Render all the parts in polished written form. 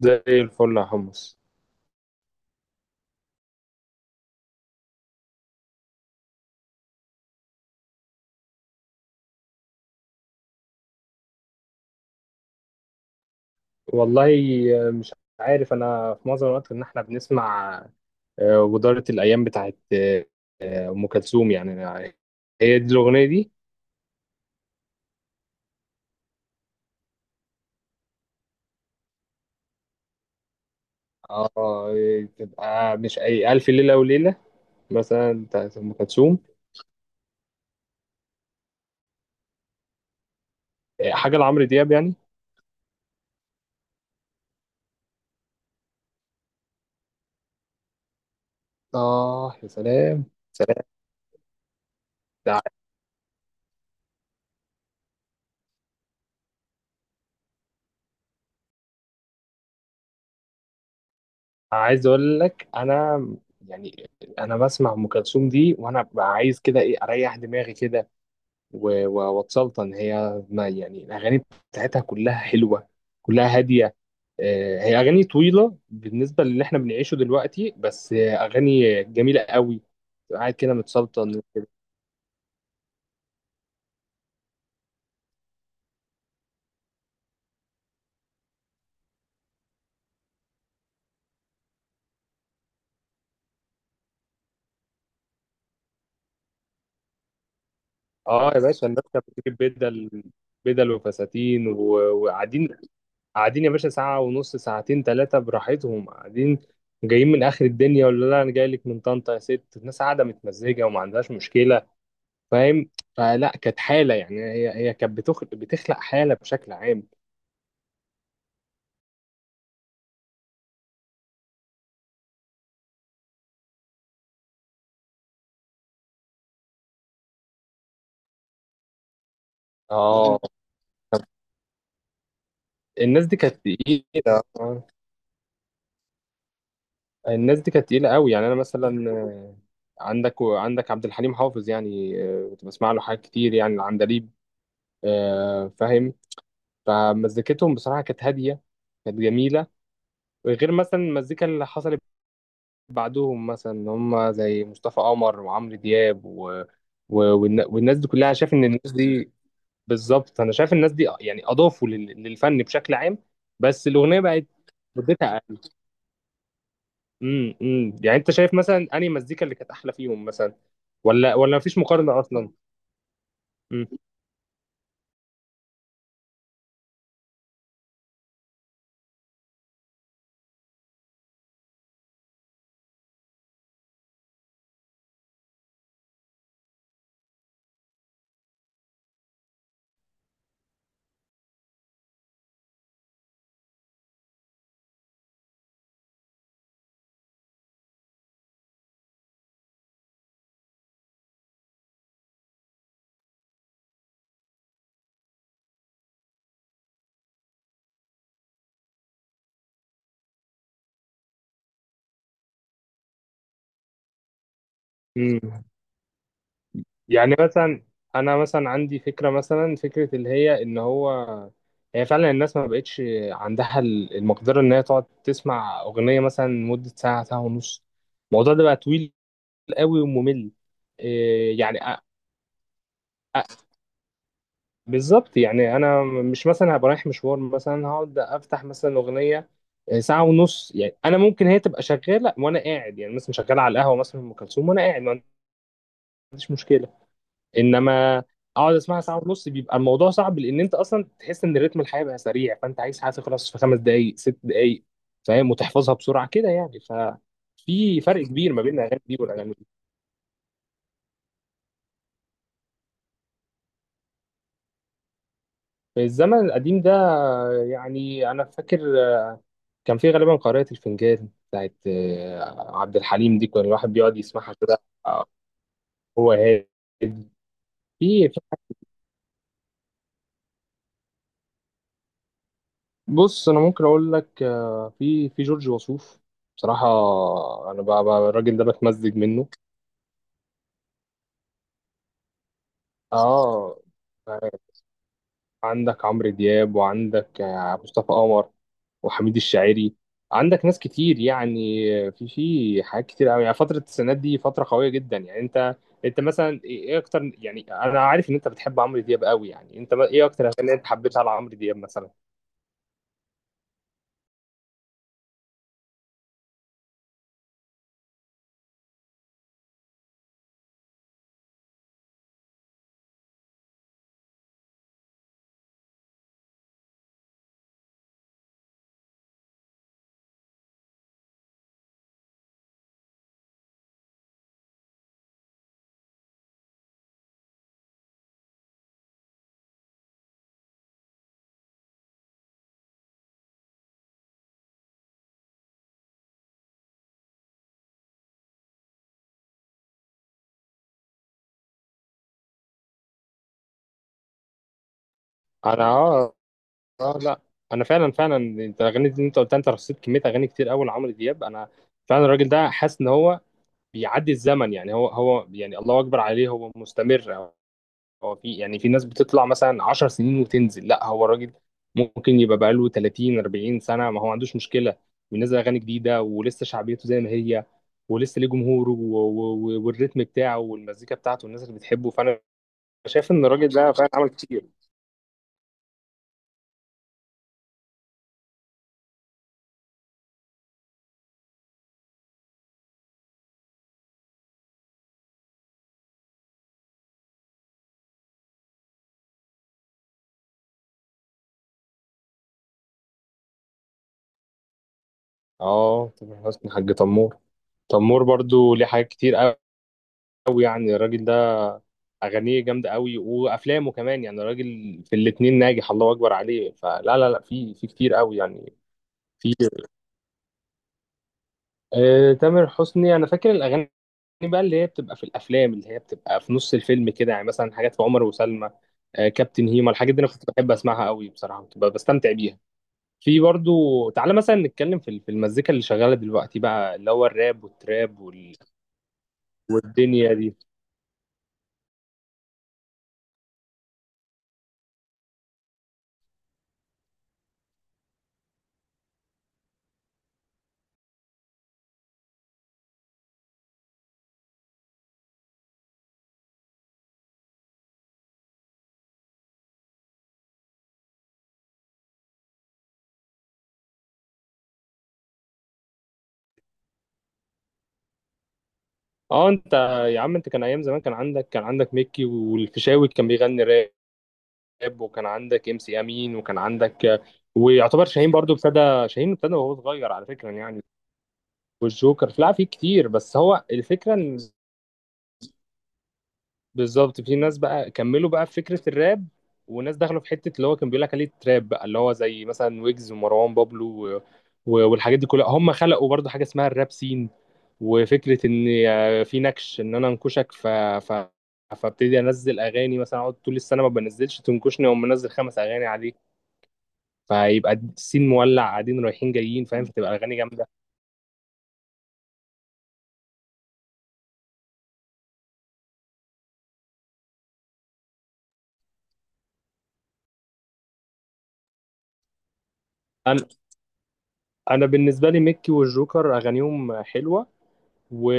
زي الفل يا حمص. والله مش عارف، انا في معظم الوقت ان احنا بنسمع ودارة الايام بتاعت ام كلثوم يعني. هي دي الاغنيه دي. اه، تبقى مش اي الف ليله وليله مثلا بتاعت ام كلثوم. حاجه لعمرو دياب يعني. اه يا سلام، سلام. ده عايز اقول لك انا، يعني انا بسمع ام كلثوم دي وانا ببقى عايز كده ايه اريح دماغي كده واتسلطن. هي ما يعني الاغاني بتاعتها كلها حلوه، كلها هاديه. هي اغاني طويله بالنسبه للي احنا بنعيشه دلوقتي، بس اغاني جميله قوي. تبقى قاعد كده متسلطن وكده. اه يا باشا، الناس كانت بتجيب بدل وفساتين وقاعدين. يا باشا، ساعه ونص، ساعتين، ثلاثه براحتهم قاعدين، جايين من اخر الدنيا. ولا لا، انا جاي لك من طنطا يا ست، الناس قاعده متمزجه وما عندهاش مشكله، فاهم؟ فلا، كانت حاله يعني، هي كانت بتخلق حاله بشكل عام. اه، الناس دي كانت تقيله. آه، الناس دي كانت تقيله قوي. يعني انا مثلا، عندك عبد الحليم حافظ يعني، كنت بسمع له حاجات كتير يعني، العندليب، فاهم؟ فمزيكتهم بصراحه كانت هاديه، كانت جميله، غير مثلا المزيكا اللي حصلت بعدهم مثلا، إن هم زي مصطفى قمر وعمرو دياب و... و... والن- والناس دي كلها. شايف ان الناس دي، بالظبط، انا شايف الناس دي يعني اضافوا للفن بشكل عام. بس الاغنيه بقت مدتها اقل. امم يعني انت شايف مثلا انهي مزيكا اللي كانت احلى فيهم مثلا؟ ولا مفيش مقارنه اصلا. امم امم يعني مثلا، انا مثلا عندي فكره، مثلا فكره اللي هي ان هو، هي فعلا الناس ما بقتش عندها المقدره ان هي تقعد تسمع اغنيه مثلا مده ساعه، ساعه ونص. الموضوع ده بقى طويل قوي وممل. إيه يعني؟ بالظبط. يعني انا مش مثلا هبقى رايح مشوار مثلا هقعد افتح مثلا اغنيه ساعه ونص. يعني انا ممكن هي تبقى شغاله وانا قاعد، يعني مثلا شغاله على القهوه مثلا ام كلثوم وانا قاعد ما عنديش مشكله، انما اقعد اسمعها ساعه ونص بيبقى الموضوع صعب، لان انت اصلا تحس ان رتم الحياه بقى سريع، فانت عايز حاجه تخلص في خمس دقائق، ست دقائق، فاهم؟ وتحفظها بسرعه كده يعني. ف في فرق كبير ما بين الاغاني دي والاغاني دي. الزمن القديم ده، يعني انا فاكر كان في غالبا قارئة الفنجان بتاعت عبد الحليم دي، كان الواحد بيقعد يسمعها كده، آه، هو هادي. في في- بص انا ممكن اقول لك، في جورج وسوف بصراحة. انا بقى، الراجل ده بتمزج منه. اه، عندك عمرو دياب، وعندك مصطفى قمر، وحميد الشاعري. عندك ناس كتير يعني، في حاجات كتير قوي يعني، فترة السنات دي فترة قوية جدا. يعني انت مثلا ايه، إيه اكتر؟ يعني انا عارف ان انت بتحب عمرو دياب قوي، يعني انت ايه اكتر اغاني انت حبيتها لعمرو دياب مثلا؟ انا اه. اه لا، انا فعلا، فعلا انت الاغاني دي انت قلتها، انت رصيت كمية اغاني كتير قوي لعمرو دياب. انا فعلا الراجل ده حاسس ان هو بيعدي الزمن يعني، هو يعني الله اكبر عليه، هو مستمر. هو في يعني في ناس بتطلع مثلا 10 سنين وتنزل، لا هو الراجل ممكن يبقى بقاله 30 40 سنة، ما هو ما عندوش مشكلة، بينزل أغاني جديدة ولسه شعبيته زي ما هي، ولسه ليه جمهوره والريتم بتاعه والمزيكا بتاعته والناس اللي بتحبه. فأنا شايف إن الراجل ده فعلا عمل كتير. اه تامر حسني، حاج تمور. تمور برضو ليه حاجات كتير قوي. يعني الراجل ده أغانيه جامدة قوي، وأفلامه كمان، يعني الراجل في الاتنين ناجح، الله أكبر عليه. فلا لا، في في كتير قوي يعني. في تامر حسني انا فاكر الاغاني بقى اللي هي بتبقى في الافلام، اللي هي بتبقى في نص الفيلم كده، يعني مثلا حاجات في عمر وسلمى، كابتن هيما، الحاجات دي انا كنت بحب اسمعها قوي بصراحه، كنت ببقى بستمتع بيها. في برضو، تعالى مثلا نتكلم في المزيكا اللي شغاله دلوقتي بقى، اللي هو الراب والتراب والدنيا دي. اه انت، يا عم انت، كان ايام زمان كان عندك ميكي، والفيشاوي كان بيغني راب، وكان عندك ام سي امين، وكان عندك، ويعتبر شاهين برضو ابتدى. شاهين ابتدى وهو صغير على فكره يعني. والجوكر، في لا في كتير. بس هو الفكره ان، بالظبط، في ناس بقى كملوا بقى في فكره الراب، وناس دخلوا في حته اللي هو كان بيقول لك عليه تراب بقى، اللي هو زي مثلا ويجز ومروان بابلو والحاجات دي كلها. هم خلقوا برضو حاجه اسمها الراب سين، وفكره ان في نكش، ان انا انكشك، فابتدي انزل اغاني، مثلا اقعد طول السنه ما بنزلش، تنكشني واقوم منزل خمس اغاني عليه، فيبقى السين مولع، قاعدين رايحين جايين، فاهم؟ فتبقى الاغاني جامده. انا انا بالنسبه لي ميكي والجوكر اغانيهم حلوه. و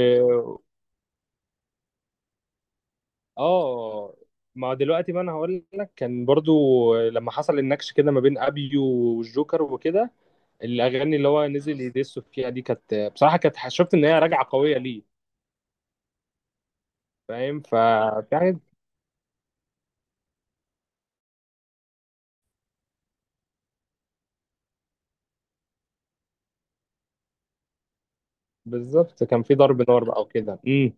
اه، ما دلوقتي، ما انا هقول لك، كان برضو لما حصل النكش كده ما بين ابيو والجوكر وكده، الاغاني اللي هو نزل يدس فيها دي كانت بصراحه، كانت شفت ان هي راجعه قويه ليه، فاهم؟ ففي حاجة، بالظبط، كان في ضرب نار بقى وكده. امم،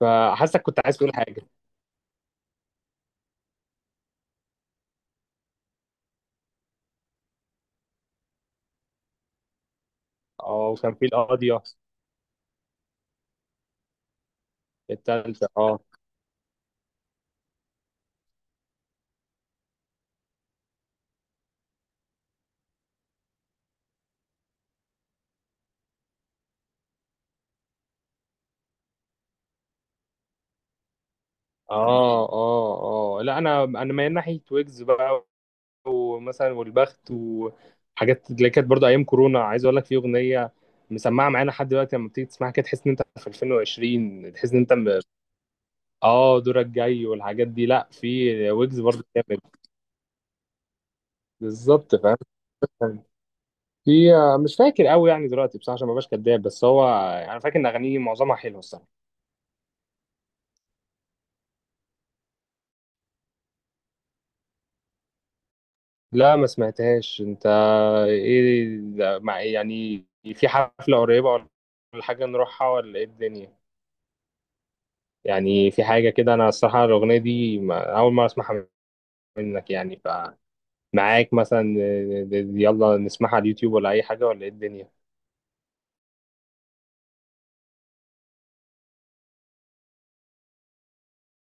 فحاسك كنت عايز تقول حاجه. اه، وكان في القاضيه، التالتة. اه اه لا، انا مايل ناحيه ويجز بقى، ومثلا والبخت وحاجات اللي كانت برضو ايام كورونا. عايز اقول لك في اغنيه مسمعه معانا لحد دلوقتي، لما بتيجي تسمعها كده تحس ان انت في 2020، تحس ان انت اه دورك جاي والحاجات دي. لا، في ويجز برضو جامد. بالظبط، فاهم؟ في، مش فاكر قوي يعني دلوقتي بصراحه، عشان ما بقاش كداب، بس هو يعني انا فاكر ان اغانيه معظمها حلوه الصراحه. لا ما سمعتهاش. انت ايه مع يعني، في حفله قريبه، ولا حاجه نروحها، ولا ايه الدنيا؟ يعني في حاجة كده، أنا الصراحة الأغنية دي ما أول مرة أسمعها منك يعني. فمعاك مثلا يلا نسمعها على اليوتيوب، ولا أي حاجة، ولا إيه الدنيا؟